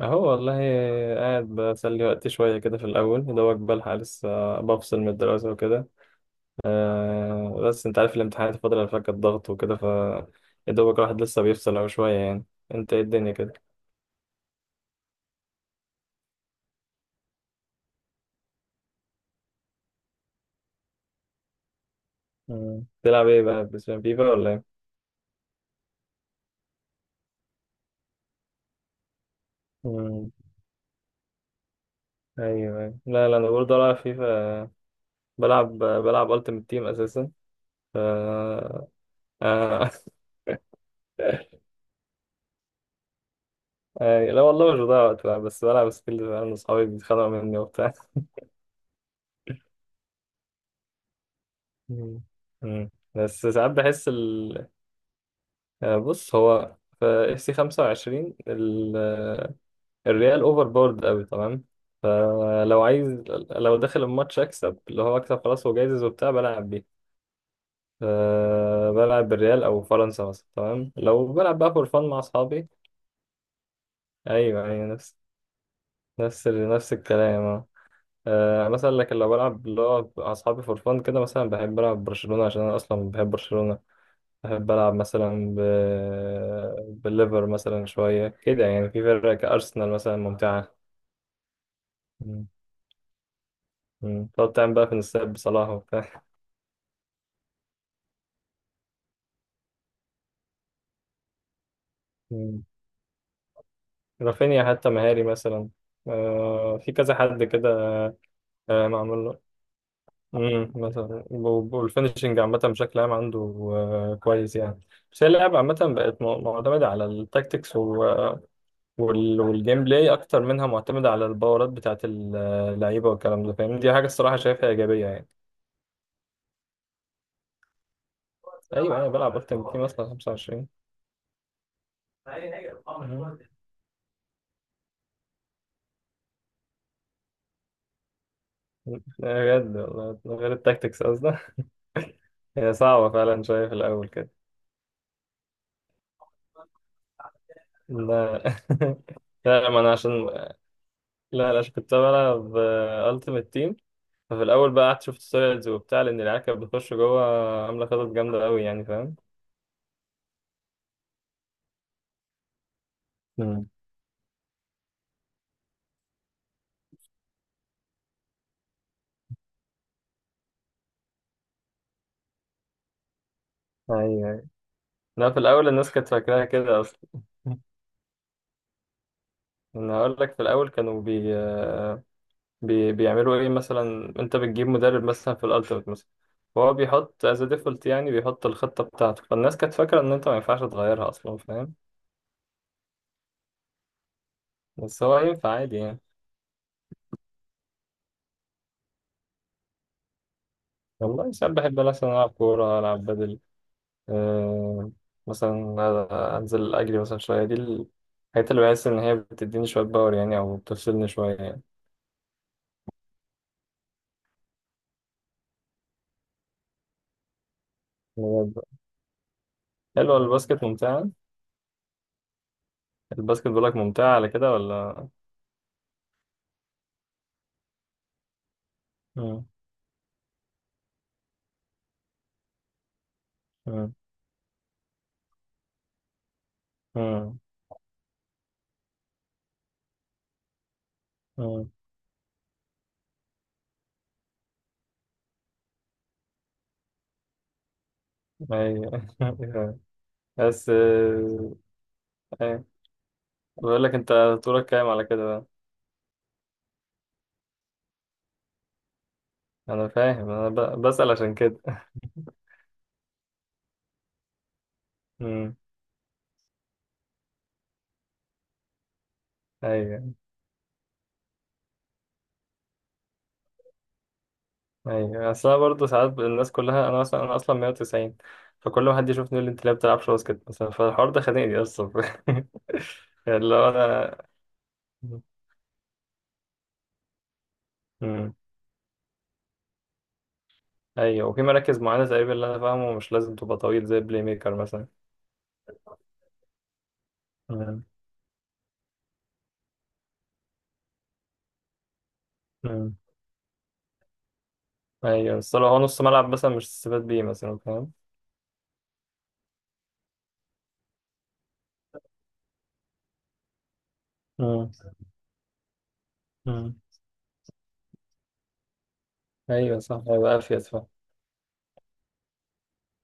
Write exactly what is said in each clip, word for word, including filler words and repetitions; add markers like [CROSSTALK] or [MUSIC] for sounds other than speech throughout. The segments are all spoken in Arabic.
اهو والله، قاعد بسلي وقتي شوية كده في الأول، يا دوبك بلحق لسه بفصل من الدراسة وكده. أه بس أنت عارف الامتحانات، الفترة اللي فاتت كانت ضغط وكده، ف يا دوبك الواحد لسه بيفصل أهو شوية يعني. أنت إيه الدنيا كده؟ مم. تلعب إيه بقى، بتلعب فيفا ولا إيه؟ مم. أيوه أيوه، لا لا، أنا برضه بلعب فيفا. بلعب بلعب ألتيمت تيم أساسا. ف آه، [LAUGHS] آه، لا والله مش بضيع وقت بقى، بس بلعب سكيل، أنا وأصحابي بيتخانقوا مني وبتاع. مم. مم. بس ساعات بحس ال... آه، بص، هو في اف سي خمسة وعشرين ال... آه، الريال اوفر بورد قوي تمام. فلو عايز، لو داخل الماتش اكسب، اللي هو اكسب خلاص وجايزز وبتاع، بلعب بيه. ف- بلعب بالريال او فرنسا مثلا، تمام، لو بلعب بقى فور فان مع اصحابي. ايوه ايوه، نفس نفس ال- نفس الكلام، اه. آه، مثلا، لكن لو بلعب اللي هو مع اصحابي فور فان كده، مثلا بحب العب برشلونة عشان انا اصلا بحب برشلونة. بحب ألعب مثلا ب... بالليفر مثلا شوية كده، يعني في فرق كأرسنال مثلا ممتعة. مم. مم. تقعد تعمل بقى في نساب بصلاح وبتاع. مم. [LAUGHS] رافينيا حتى مهاري مثلا، آه في كذا حد كده. آه معمول له. مم. مثلا و- والفينشنج عامة بشكل عام عنده آه كويس يعني. بس هي اللعبة عامة بقت م- معتمدة على التاكتكس و... وال... والجيم بلاي أكتر، منها معتمدة على الباورات بتاعت اللعيبة والكلام ده، فاهم؟ دي حاجة الصراحة شايفها إيجابية يعني. ايوه، انا بلعب اكتر بكتير مثلا خمسة وعشرين. مم. لا. بجد والله، من غير التاكتكس قصدي. هي صعبة فعلا شوية في الأول كده. لا [LAUGHS] لا، ما أنا عشان، لا لا، عشان كنت بلعب ألتيمت تيم، ففي الأول بقى قعدت شفت تويلز وبتاع، لأن العيال كانت بتخش جوه عاملة خطط جامدة أوي يعني، فاهم؟ مم. أيوه أيوه. لا، في الأول الناس كانت فاكراها كده أصلا. [LAUGHS] أنا هقول لك، في الأول كانوا بي بي بيعملوا ايه، مثلا انت بتجيب مدرب مثلا في الالتيميت مثلا، هو بيحط از ديفولت، يعني بيحط الخطه بتاعته، فالناس كانت فاكره ان انت ما ينفعش تغيرها اصلا، فاهم؟ بس هو ينفع عادي يعني. والله ساعات بحب مثلا العب كوره، العب بدل، آه مثلا انزل اجري مثلا شويه. دي الحاجات اللي بحس ان هي بتديني شويه باور يعني، او بتفصلني شويه يعني. بجد. حلوه الباسكت، ممتعه. الباسكت بقولك ممتعه على كده ولا؟ مم. مم. مم. مم. ايوه. [LAUGHS] بس آه، ايه، بقول لك انت، طولك كام على كده بقى؟ انا فاهم، انا ب- بسأل عشان كده. [LAUGHS] امم ايوه. ايوه، اصل انا برضه ساعات الناس كلها، انا مثلا انا اصلا مية وتسعين، فكل ما حد يشوفني يقول لي انت ليه ما بتلعبش باسكت مثلا، فالحوار ده خانقني اصلا. [LAUGHS] اللي هو انا. امم ايوه، وفي مراكز معينه تقريبا، اللي انا فاهمه مش لازم تبقى طويل، زي بلاي ميكر مثلا. امم امم ايوه، بس لو هو نص ملعب مثلا، مش تستفاد بيه مثلا، فاهم؟ امم امم ايوه صح، هيبقى افيد، فاهم؟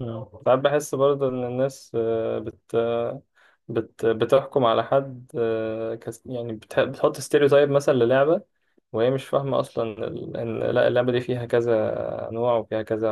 مم. ساعات بحس برضه إن الناس آه، بت بت بتحكم على حد، آه، كس... يعني بتح... بتحط ستيريوتايب مثلا للعبة، وهي مش فاهمة أصلا ال- إن لا، اللعبة دي فيها كذا نوع وفيها كذا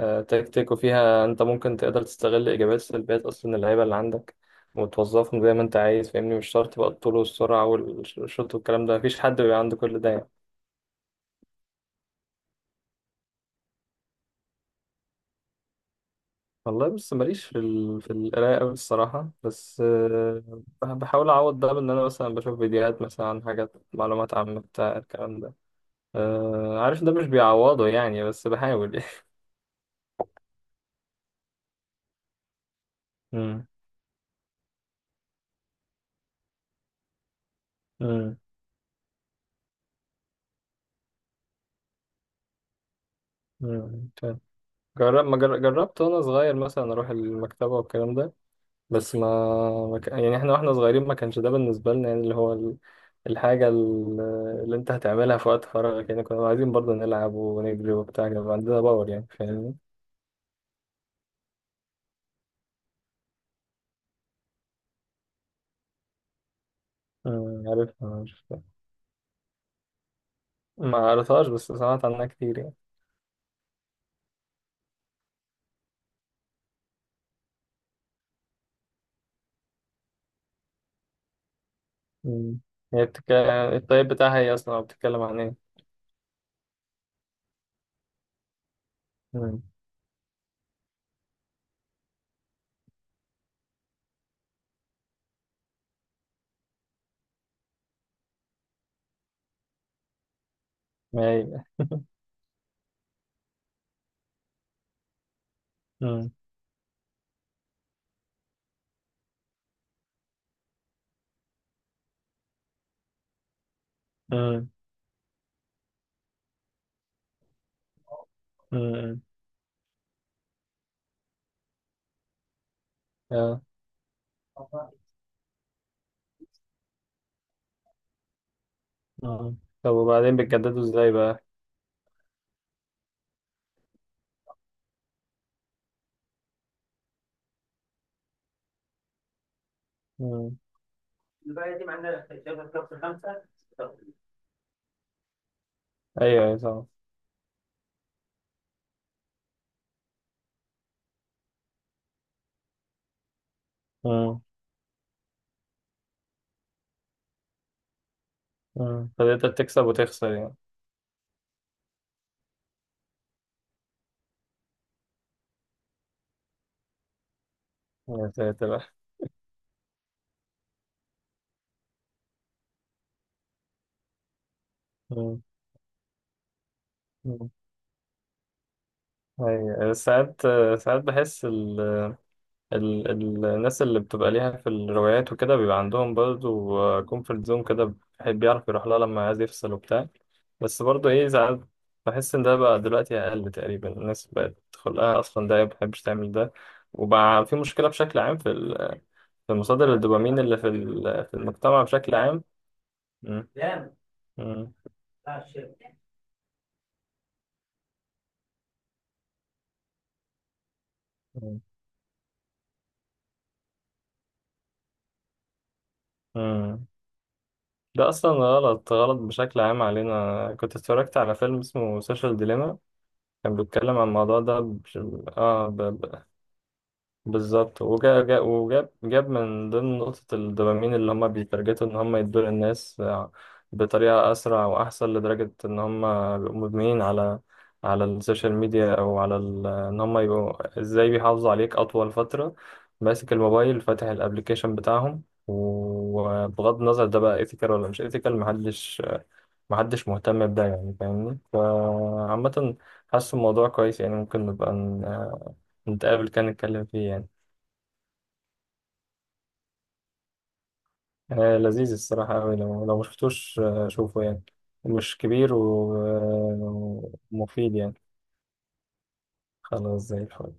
آه، تكتيك، وفيها أنت ممكن تقدر تستغل إيجابيات سلبيات أصلا اللعيبة اللي عندك، وتوظفهم زي ما أنت عايز، فاهمني؟ مش شرط بقى الطول والسرعة والشوط والكلام ده، مفيش حد بيبقى عنده كل ده يعني. والله بص، ماليش في ال... في القراية أوي الصراحة، بس آه، بح- بحاول أعوض ده بإن أنا مثلا بشوف فيديوهات مثلا عن حاجات، معلومات عامة بتاع الكلام ده. أه... عارف ده مش بيعوضه يعني، بس بحاول يعني. [LAUGHS] مم. مم. مم. فاهم. جرب ما جر... جربت وأنا صغير مثلا أروح المكتبة والكلام ده، بس ما، ما ك... يعني إحنا وإحنا صغيرين ما كانش ده بالنسبة لنا يعني، اللي هو ال... الحاجة ال- اللي أنت هتعملها في وقت فراغك يعني، كنا عايزين برضه نلعب ونجري وبتاع، كان عندنا باور يعني، فاهمني؟ أمم، عارفها عارفها. ما قريتهاش بس سمعت عنها كتير يعني. أمم. هي بتك... الطيب بتاعها ايه اصلا، أو بتتكلم عن ايه؟ أمم، ما هي. أمم، أمم، أمم، آه، آه. طب وبعدين بتجددوا ازاي بقى؟ أمم. ايوه ايوه طبعا. أمم، أمم. فانت بتكسب وتخسر يعني. يا ساتر. أمم، أمم. ايوه ساعات، ساعات بحس ال... ال ال الناس اللي بتبقى ليها في الروايات وكده بيبقى عندهم برضه كومفورت زون كده، بيحب يعرف يروح لها لما عايز يفصل وبتاع. بس برضه ايه، ساعات بحس ان ده بقى دلوقتي اقل، تقريبا الناس بقت خلقها اصلا ده ما بتحبش تعمل ده، وبقى في مشكلة بشكل عام في ال- في مصادر الدوبامين اللي في ال- في المجتمع بشكل عام. مم. مم. مم. مم. ده اصلا غلط، غلط بشكل عام علينا. كنت اتفرجت على فيلم اسمه سوشيال ديليما، كان بيتكلم عن الموضوع ده بش... اه ب... ب... بالظبط، وجا... جا... وجاب جاب من ضمن نقطة الدوبامين، اللي هما بيترجتوا إن هما يدوا للناس آه، بطريقة أسرع وأحسن لدرجة إن هما بيبقوا مدمنين على، على السوشيال ميديا، أو على ال... إن هما يبقوا إزاي بيحافظوا عليك أطول فترة ماسك الموبايل فاتح الأبليكيشن بتاعهم. وبغض النظر ده بقى إيثيكال ولا مش إيثيكال، محدش محدش مهتم بده يعني، فاهمني؟ فعامة حاسس الموضوع كويس يعني، ممكن نبقى ن- نتقابل كان نتكلم فيه يعني. آه، لذيذ الصراحة أوي، لو لو مشفتوش آه، شوفه يعني، مش كبير و- آه، ومفيد يعني. خلاص زي الفل.